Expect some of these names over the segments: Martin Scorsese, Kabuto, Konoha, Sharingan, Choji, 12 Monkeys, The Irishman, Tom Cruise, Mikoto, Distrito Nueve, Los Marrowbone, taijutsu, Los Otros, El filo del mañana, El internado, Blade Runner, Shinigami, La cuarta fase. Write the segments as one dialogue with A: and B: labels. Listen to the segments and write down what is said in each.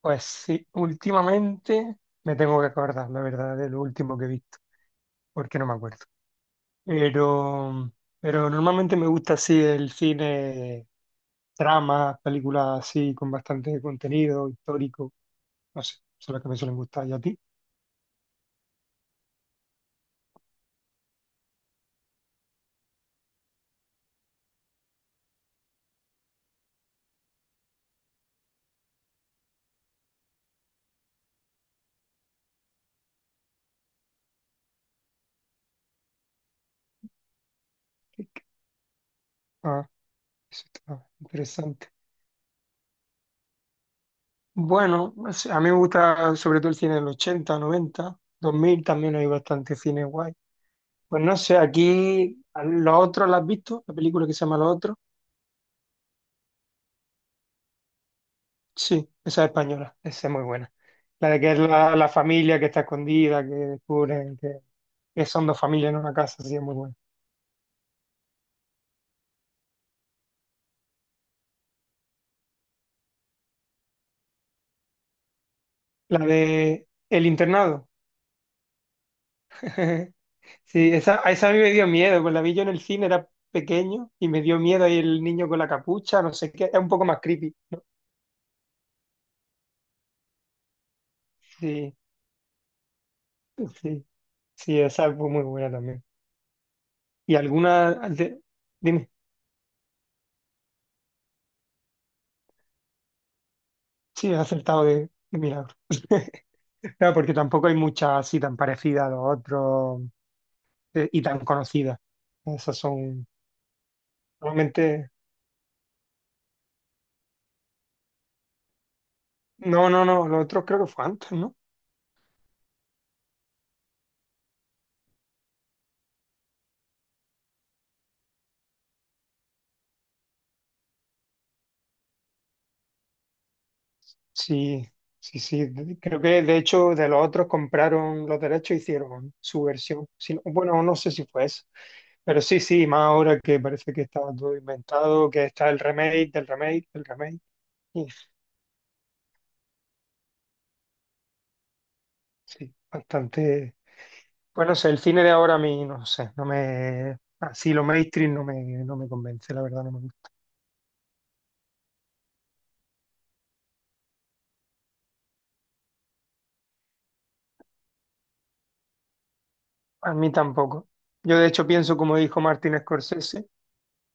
A: Pues sí, últimamente me tengo que acordar, la verdad, de lo último que he visto, porque no me acuerdo. Pero, pero normalmente me gusta así el cine, tramas, películas así con bastante contenido histórico, no sé, son las que me suelen gustar. ¿Y a ti? ¿Qué- qué? Ah, eso está interesante. Bueno, no, a mí me gusta sobre todo el cine del ochenta, noventa, dos mil, también hay bastante cine guay. Pues no sé, aquí a Los Otros, ¿la has visto? La película que se llama Los Otros. Sí, esa es española, esa es muy buena. La de que es la, la familia que está escondida, que descubren que son dos familias en una casa, sí, es muy buena. La de El Internado. Sí, esa, a esa a mí me dio miedo, pues la vi yo en el cine, era pequeño y me dio miedo ahí el niño con la capucha, no sé qué, es un poco más creepy, ¿no? Sí. Sí, sí, esa fue muy buena también. ¿Y alguna? de- Dime, sí, he acertado de milagro. Claro, porque tampoco hay muchas así tan parecidas a Los Otros, y tan conocidas. Esas son normalmente. No, no, no, Los Otros creo que fue antes, ¿no? Sí, sí, sí. Creo que de hecho de Los Otros compraron los derechos e hicieron su versión. Si bueno, no sé si fue eso. Pero sí, sí, más ahora que parece que estaba todo inventado, que está el remake, del remake, del remake. Sí, bastante. Bueno, el cine de ahora a mí, no sé, no me. Así lo mainstream no me convence, la verdad, no me gusta. A mí tampoco. Yo, de hecho, pienso, como dijo Martin Scorsese,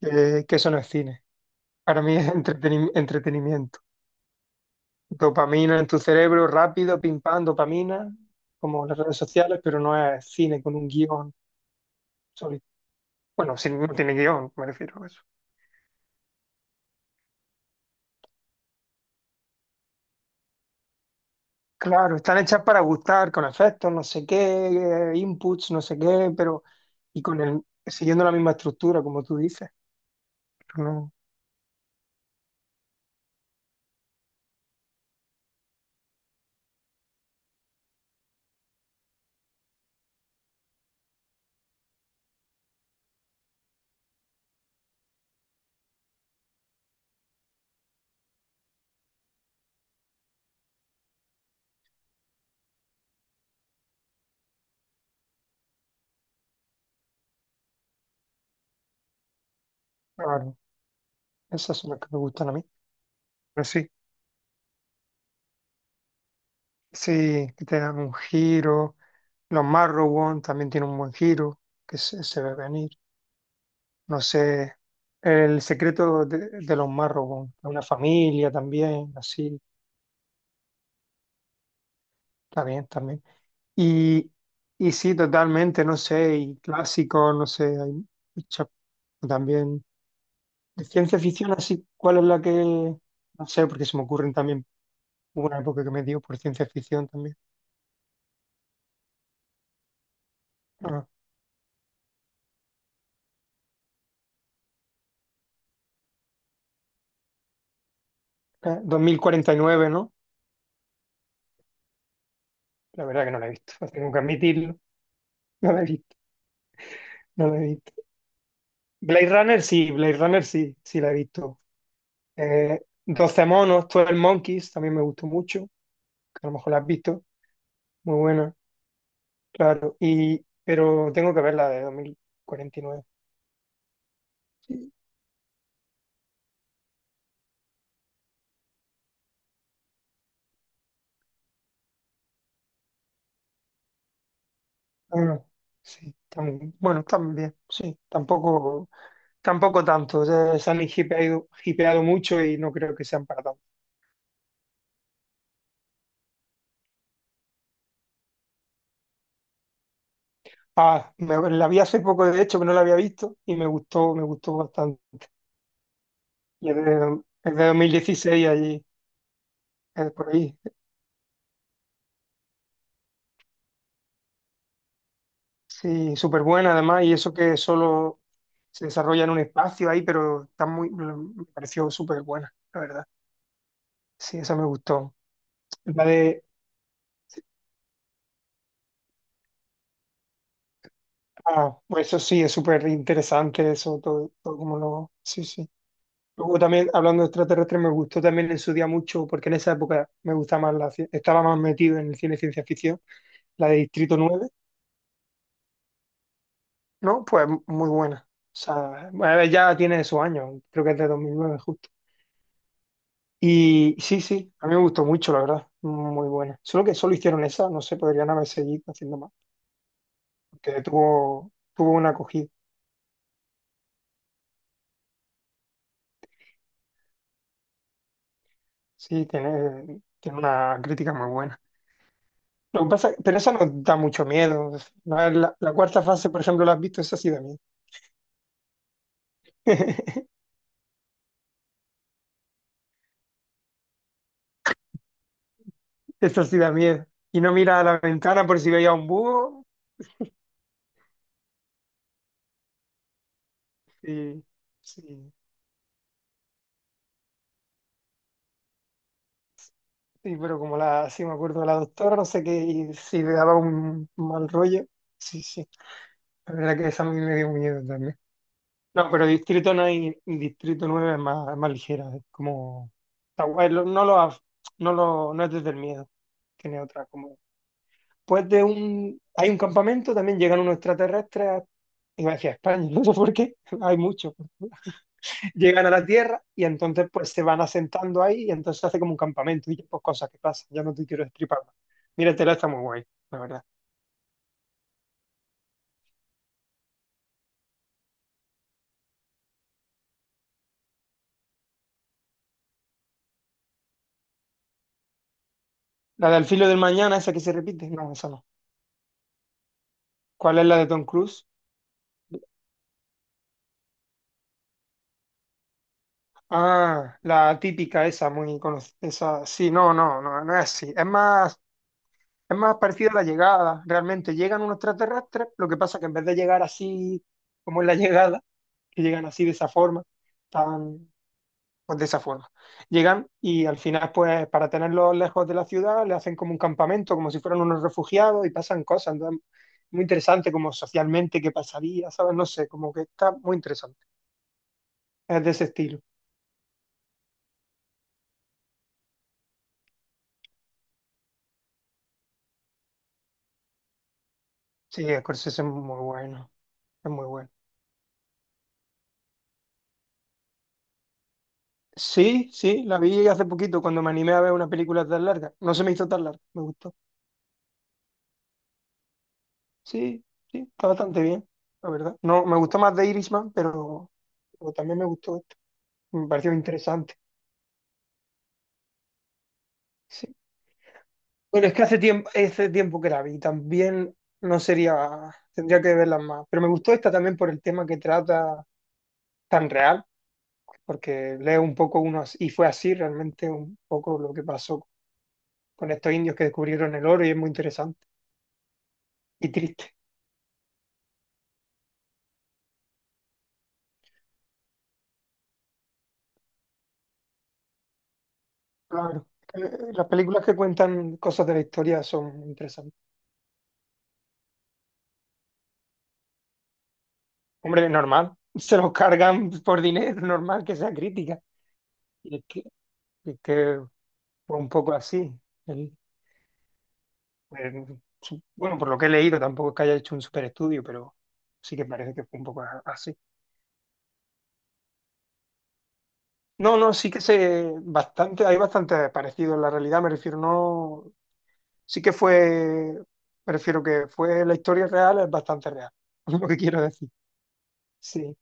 A: que eso no es cine. Para mí es entretenimiento. Dopamina en tu cerebro, rápido, pim pam, dopamina, como las redes sociales, pero no es cine con un guión sólido. Bueno, si no tiene guión, me refiero a eso. Claro, están hechas para gustar, con efectos, no sé qué, inputs, no sé qué, pero y con el, siguiendo la misma estructura, como tú dices. Pero No, claro, esas son las que me gustan a mí. Pero sí, sí, que te dan un giro. Los Marrowbone también tienen un buen giro, que se ve venir. No sé, el secreto de los Marrowbone, una familia también, así, está bien también. Y, y sí, totalmente, no sé, y clásico, no sé, hay muchas también. De ciencia ficción, así, ¿cuál es la que...? No sé, porque se me ocurren también, hubo una época que me dio por ciencia ficción también. Ah, dos mil cuarenta y nueve, ¿no? La verdad que no la he visto, tengo que admitirlo, no la he visto, no la he visto. Blade Runner sí, sí la he visto. Eh, 12 monos, 12 Monkeys, también me gustó mucho, que a lo mejor la has visto, muy buena. Claro, y pero tengo que ver la de 2049. Sí. Ah, también, sí, tampoco tanto. Ya se han hipeado mucho y no creo que sean para tanto. Ah, la vi hace poco, de hecho, que no la había visto y me gustó bastante. Y es es de dos mil dieciséis allí, es por ahí. Sí, súper buena además, y eso que solo se desarrolla en un espacio ahí, pero está muy, me pareció súper buena, la verdad. Sí, esa me gustó. La de, Ah, pues eso sí, es súper interesante eso, todo, como lo... Sí, sí. Luego también, hablando de extraterrestres, me gustó también en su día mucho, porque en esa época me gustaba más estaba más metido en el cine de ciencia ficción, la de Distrito Nueve, ¿no? Pues muy buena. O sea, bueno, ya tiene sus años, creo que es de 2009 justo. Y sí, sí, a mí me gustó mucho, la verdad, muy buena. Solo que solo hicieron esa, no sé, podrían haber seguido haciendo más, porque tuvo una acogida. Sí, tiene una crítica muy buena. Lo que pasa, pero esa nos da mucho miedo. La cuarta fase, por ejemplo, ¿la has visto? Esa sí da miedo. Esa sí da miedo. Y no mira a la ventana por si veía un búho. Sí, sí, sí, pero como la, sí me acuerdo de la doctora, no sé qué, y si le daba un mal rollo. Sí, sí. La verdad que esa a mí me dio miedo también. No, pero Distrito no hay, Distrito Nueve es más ligera, es como, está guay, lo- no lo, af- no lo, no es desde el miedo, tiene otra, como hay un campamento, también llegan unos extraterrestres, iba a decir a España, no sé por qué, hay muchos. Llegan a la Tierra y entonces pues se van asentando ahí y entonces se hace como un campamento y pues cosas que pasan, ya no te quiero destripar más. Míratela, está muy guay, la verdad. La del filo del mañana, esa que se repite, no, esa no. ¿Cuál es la de Tom Cruise? Ah, la típica esa, muy conocida, esa, sí, no es así, es más parecido a La Llegada, realmente. Llegan unos extraterrestres, lo que pasa que en vez de llegar así como en la llegada, que llegan así de esa forma, tan, pues de esa forma. Llegan y al final, pues para tenerlos lejos de la ciudad, le hacen como un campamento, como si fueran unos refugiados y pasan cosas. Entonces, muy interesante, como socialmente, qué pasaría, ¿sabes? No sé, como que está muy interesante. Es de ese estilo. Sí, Scorsese es muy bueno, es muy bueno. Sí, sí, la vi hace poquito cuando me animé a ver una película tan larga. No se me hizo tan larga, me gustó. Sí, sí, está bastante bien, la verdad. No, me gustó más de Irishman, pero también me gustó esto. Me pareció interesante. Sí. Bueno, es que hace tiempo que la vi. También no sería, tendría que verlas más. Pero me gustó esta también por el tema que trata tan real, porque leo un poco unos, y fue así realmente un poco lo que pasó con estos indios que descubrieron el oro y es muy interesante y triste. Claro. Eh, las películas que cuentan cosas de la historia son interesantes. Hombre, normal, se los cargan por dinero, normal que sea crítica. Y es que, es que fue un poco así. Él, pues, bueno, por lo que he leído, tampoco es que haya hecho un super estudio, pero sí que parece que fue un poco así. No, no, sí que se bastante, hay bastante parecido en la realidad, me refiero, no, sí que fue, me refiero que fue la historia real, es bastante real, es lo que quiero decir. Sí,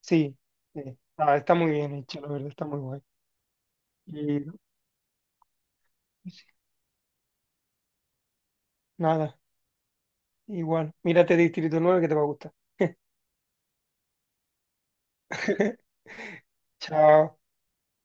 A: sí, sí. Ah, está muy bien hecho, la verdad, está muy guay. Y nada. Igual, mírate Distrito 9, que te va a gustar. Chao.